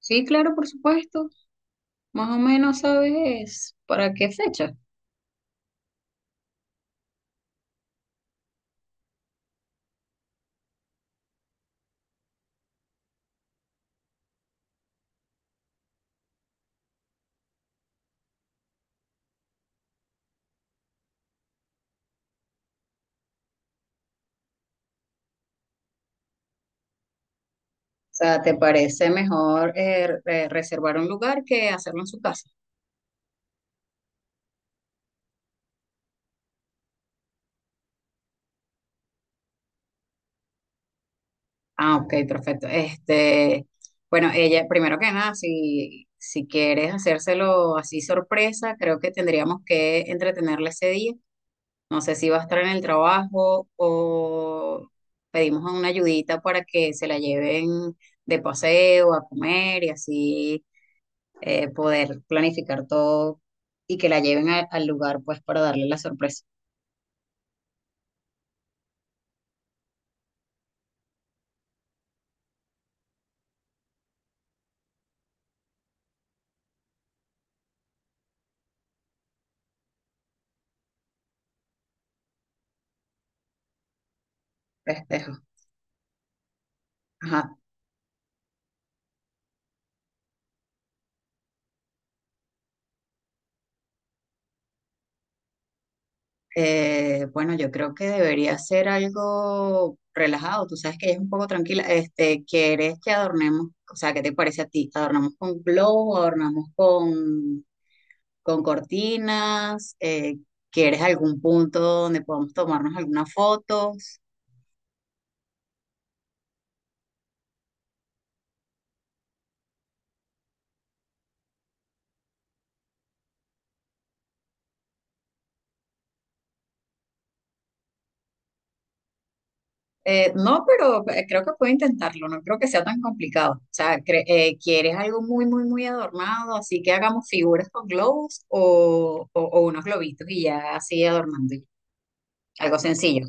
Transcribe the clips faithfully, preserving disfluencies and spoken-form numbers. Sí, claro, por supuesto. Más o menos sabes para qué fecha. O sea, ¿te parece mejor eh, re- reservar un lugar que hacerlo en su casa? Ah, ok, perfecto. Este, bueno, ella, primero que nada, si, si quieres hacérselo así sorpresa, creo que tendríamos que entretenerla ese día. No sé si va a estar en el trabajo o pedimos una ayudita para que se la lleven de paseo, a comer y así eh, poder planificar todo y que la lleven a- al lugar pues para darle la sorpresa, festejo. Ajá. Eh, bueno, yo creo que debería ser algo relajado, tú sabes que ella es un poco tranquila, este, ¿quieres que adornemos, o sea, qué te parece a ti? ¿Adornamos con globo, adornamos con, con cortinas? Eh, ¿quieres algún punto donde podamos tomarnos alguna foto? Eh, no, pero eh, creo que puedo intentarlo, no creo que sea tan complicado. O sea, cre- eh, ¿quieres algo muy, muy, muy adornado? Así que hagamos figuras con globos o, o- o unos globitos y ya así adornando. Algo sencillo.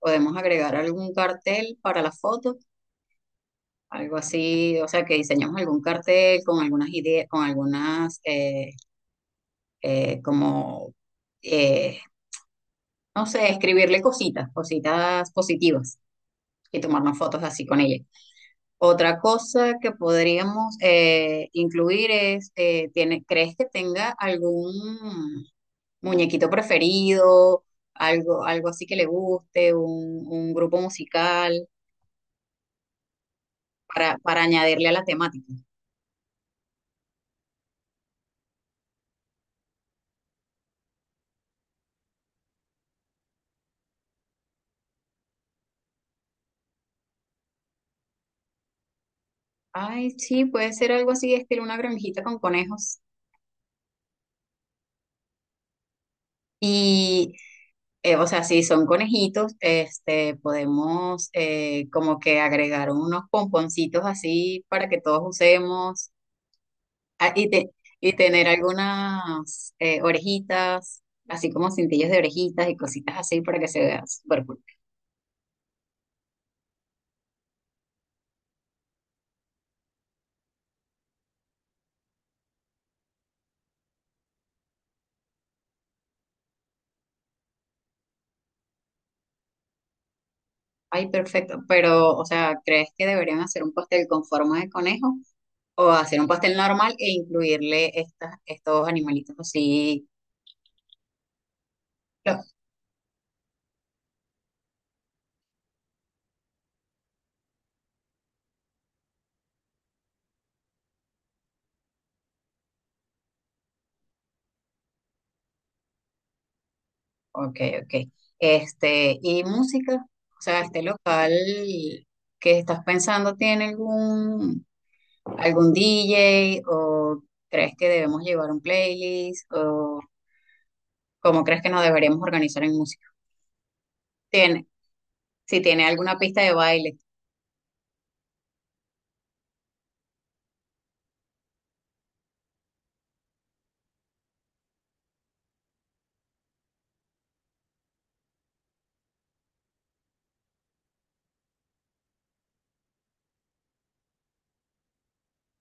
Podemos agregar algún cartel para la foto, algo así, o sea, que diseñamos algún cartel con algunas ideas, con algunas, eh, eh, como, eh, no sé, escribirle cositas, cositas positivas y tomarnos fotos así con ella. Otra cosa que podríamos eh, incluir es, eh, tiene, ¿crees que tenga algún muñequito preferido, algo, algo así que le guste, un, un grupo musical para, para añadirle a la temática? Ay, sí, puede ser algo así, estilo una granjita con conejos. Y, eh, o sea, si son conejitos, este, podemos eh, como que agregar unos pomponcitos así para que todos usemos. Ah, y, te- y tener algunas eh, orejitas, así como cintillos de orejitas y cositas así para que se vea súper cool. Ay, perfecto. Pero, o sea, ¿crees que deberían hacer un pastel con forma de conejo o hacer un pastel normal e incluirle estas, estos animalitos así? Lo- Ok, ok. Este, y música, o sea, este local que estás pensando tiene algún, algún D J o crees que debemos llevar un playlist o ¿cómo crees que nos deberíamos organizar en música? Tiene, si tiene alguna pista de baile,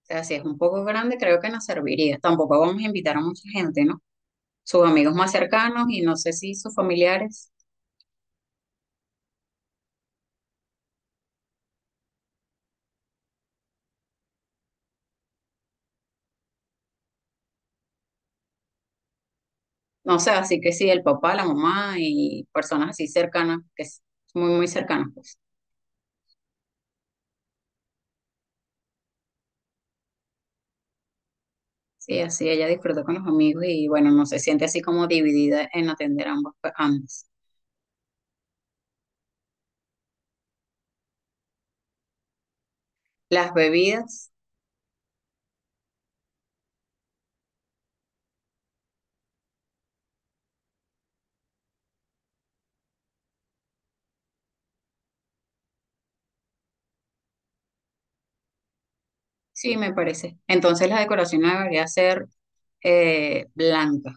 o sea, si es un poco grande, creo que nos serviría. Tampoco vamos a invitar a mucha gente, ¿no? Sus amigos más cercanos y no sé si sus familiares, no sé, así que sí, el papá, la mamá y personas así cercanas, que es muy, muy cercanas, pues. Sí, así ella disfruta con los amigos y bueno, no se siente así como dividida en atender ambas, ambas. Las bebidas, sí, me parece. Entonces la decoración debería ser eh, blanca.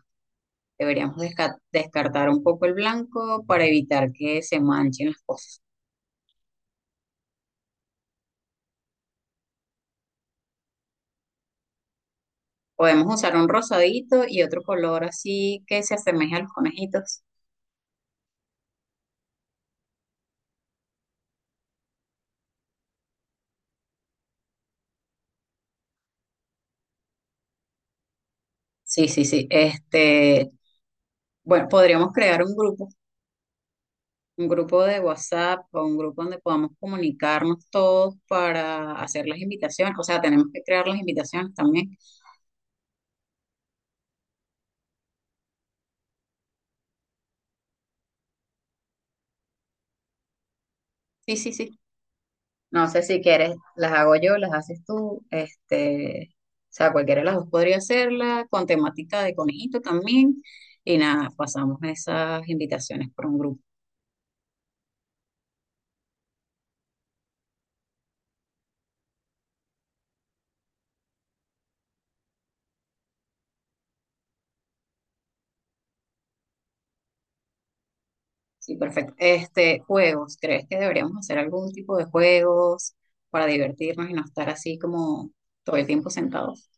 Deberíamos desca- descartar un poco el blanco para evitar que se manchen las cosas. Podemos usar un rosadito y otro color así que se asemeje a los conejitos. Sí, sí, sí. Este, bueno, podríamos crear un grupo, un grupo de WhatsApp o un grupo donde podamos comunicarnos todos para hacer las invitaciones. O sea, tenemos que crear las invitaciones también. Sí, sí, sí. No sé si quieres, las hago yo, las haces tú, este, o sea, cualquiera de las dos podría hacerla, con temática de conejito también, y nada, pasamos esas invitaciones por un grupo. Sí, perfecto. Este, juegos, ¿crees que deberíamos hacer algún tipo de juegos para divertirnos y no estar así como todo el tiempo sentados?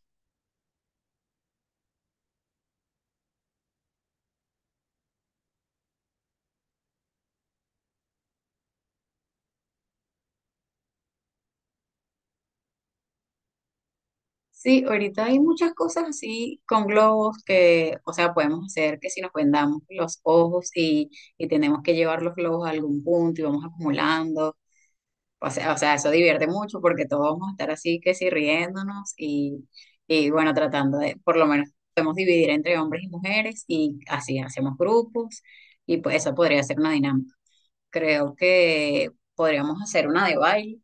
Sí, ahorita hay muchas cosas así con globos que, o sea, podemos hacer que si nos vendamos los ojos y, y tenemos que llevar los globos a algún punto y vamos acumulando. O sea, o sea, eso divierte mucho porque todos vamos a estar así que sí riéndonos y, y bueno, tratando de, por lo menos podemos dividir entre hombres y mujeres y así hacemos grupos y pues eso podría ser una dinámica. Creo que podríamos hacer una de baile.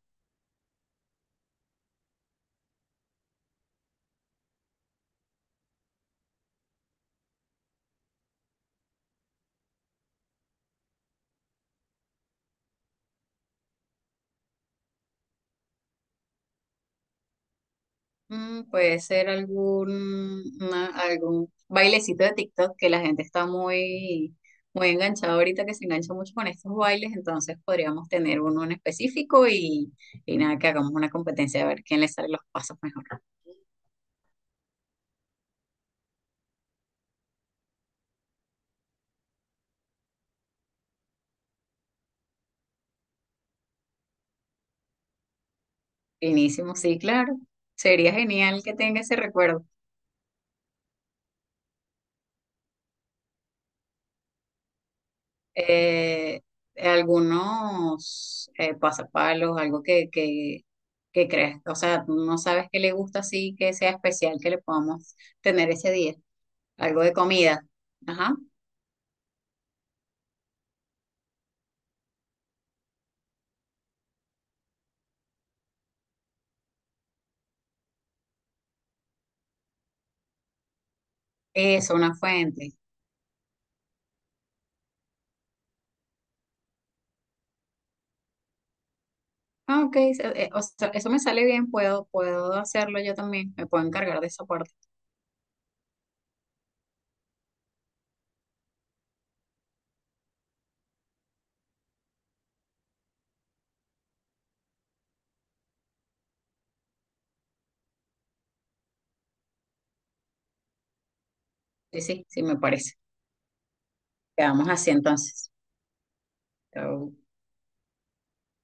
Mm, puede ser algún, una- algún bailecito de TikTok que la gente está muy, muy enganchada ahorita, que se engancha mucho con estos bailes, entonces podríamos tener uno en específico y, y nada, que hagamos una competencia a ver quién le sale los pasos mejor. Finísimo, sí, claro. Sería genial que tenga ese recuerdo. Eh, Algunos eh, pasapalos, algo que, que, que creas, o sea, no sabes qué le gusta así, que sea especial, que le podamos tener ese día. Algo de comida. Ajá. Eso, una fuente. Ah, ok, se- eh, o sea, eso me sale bien, puedo, puedo hacerlo yo también, me puedo encargar de esa parte. Sí, sí, sí, me parece. Quedamos así entonces. Chao.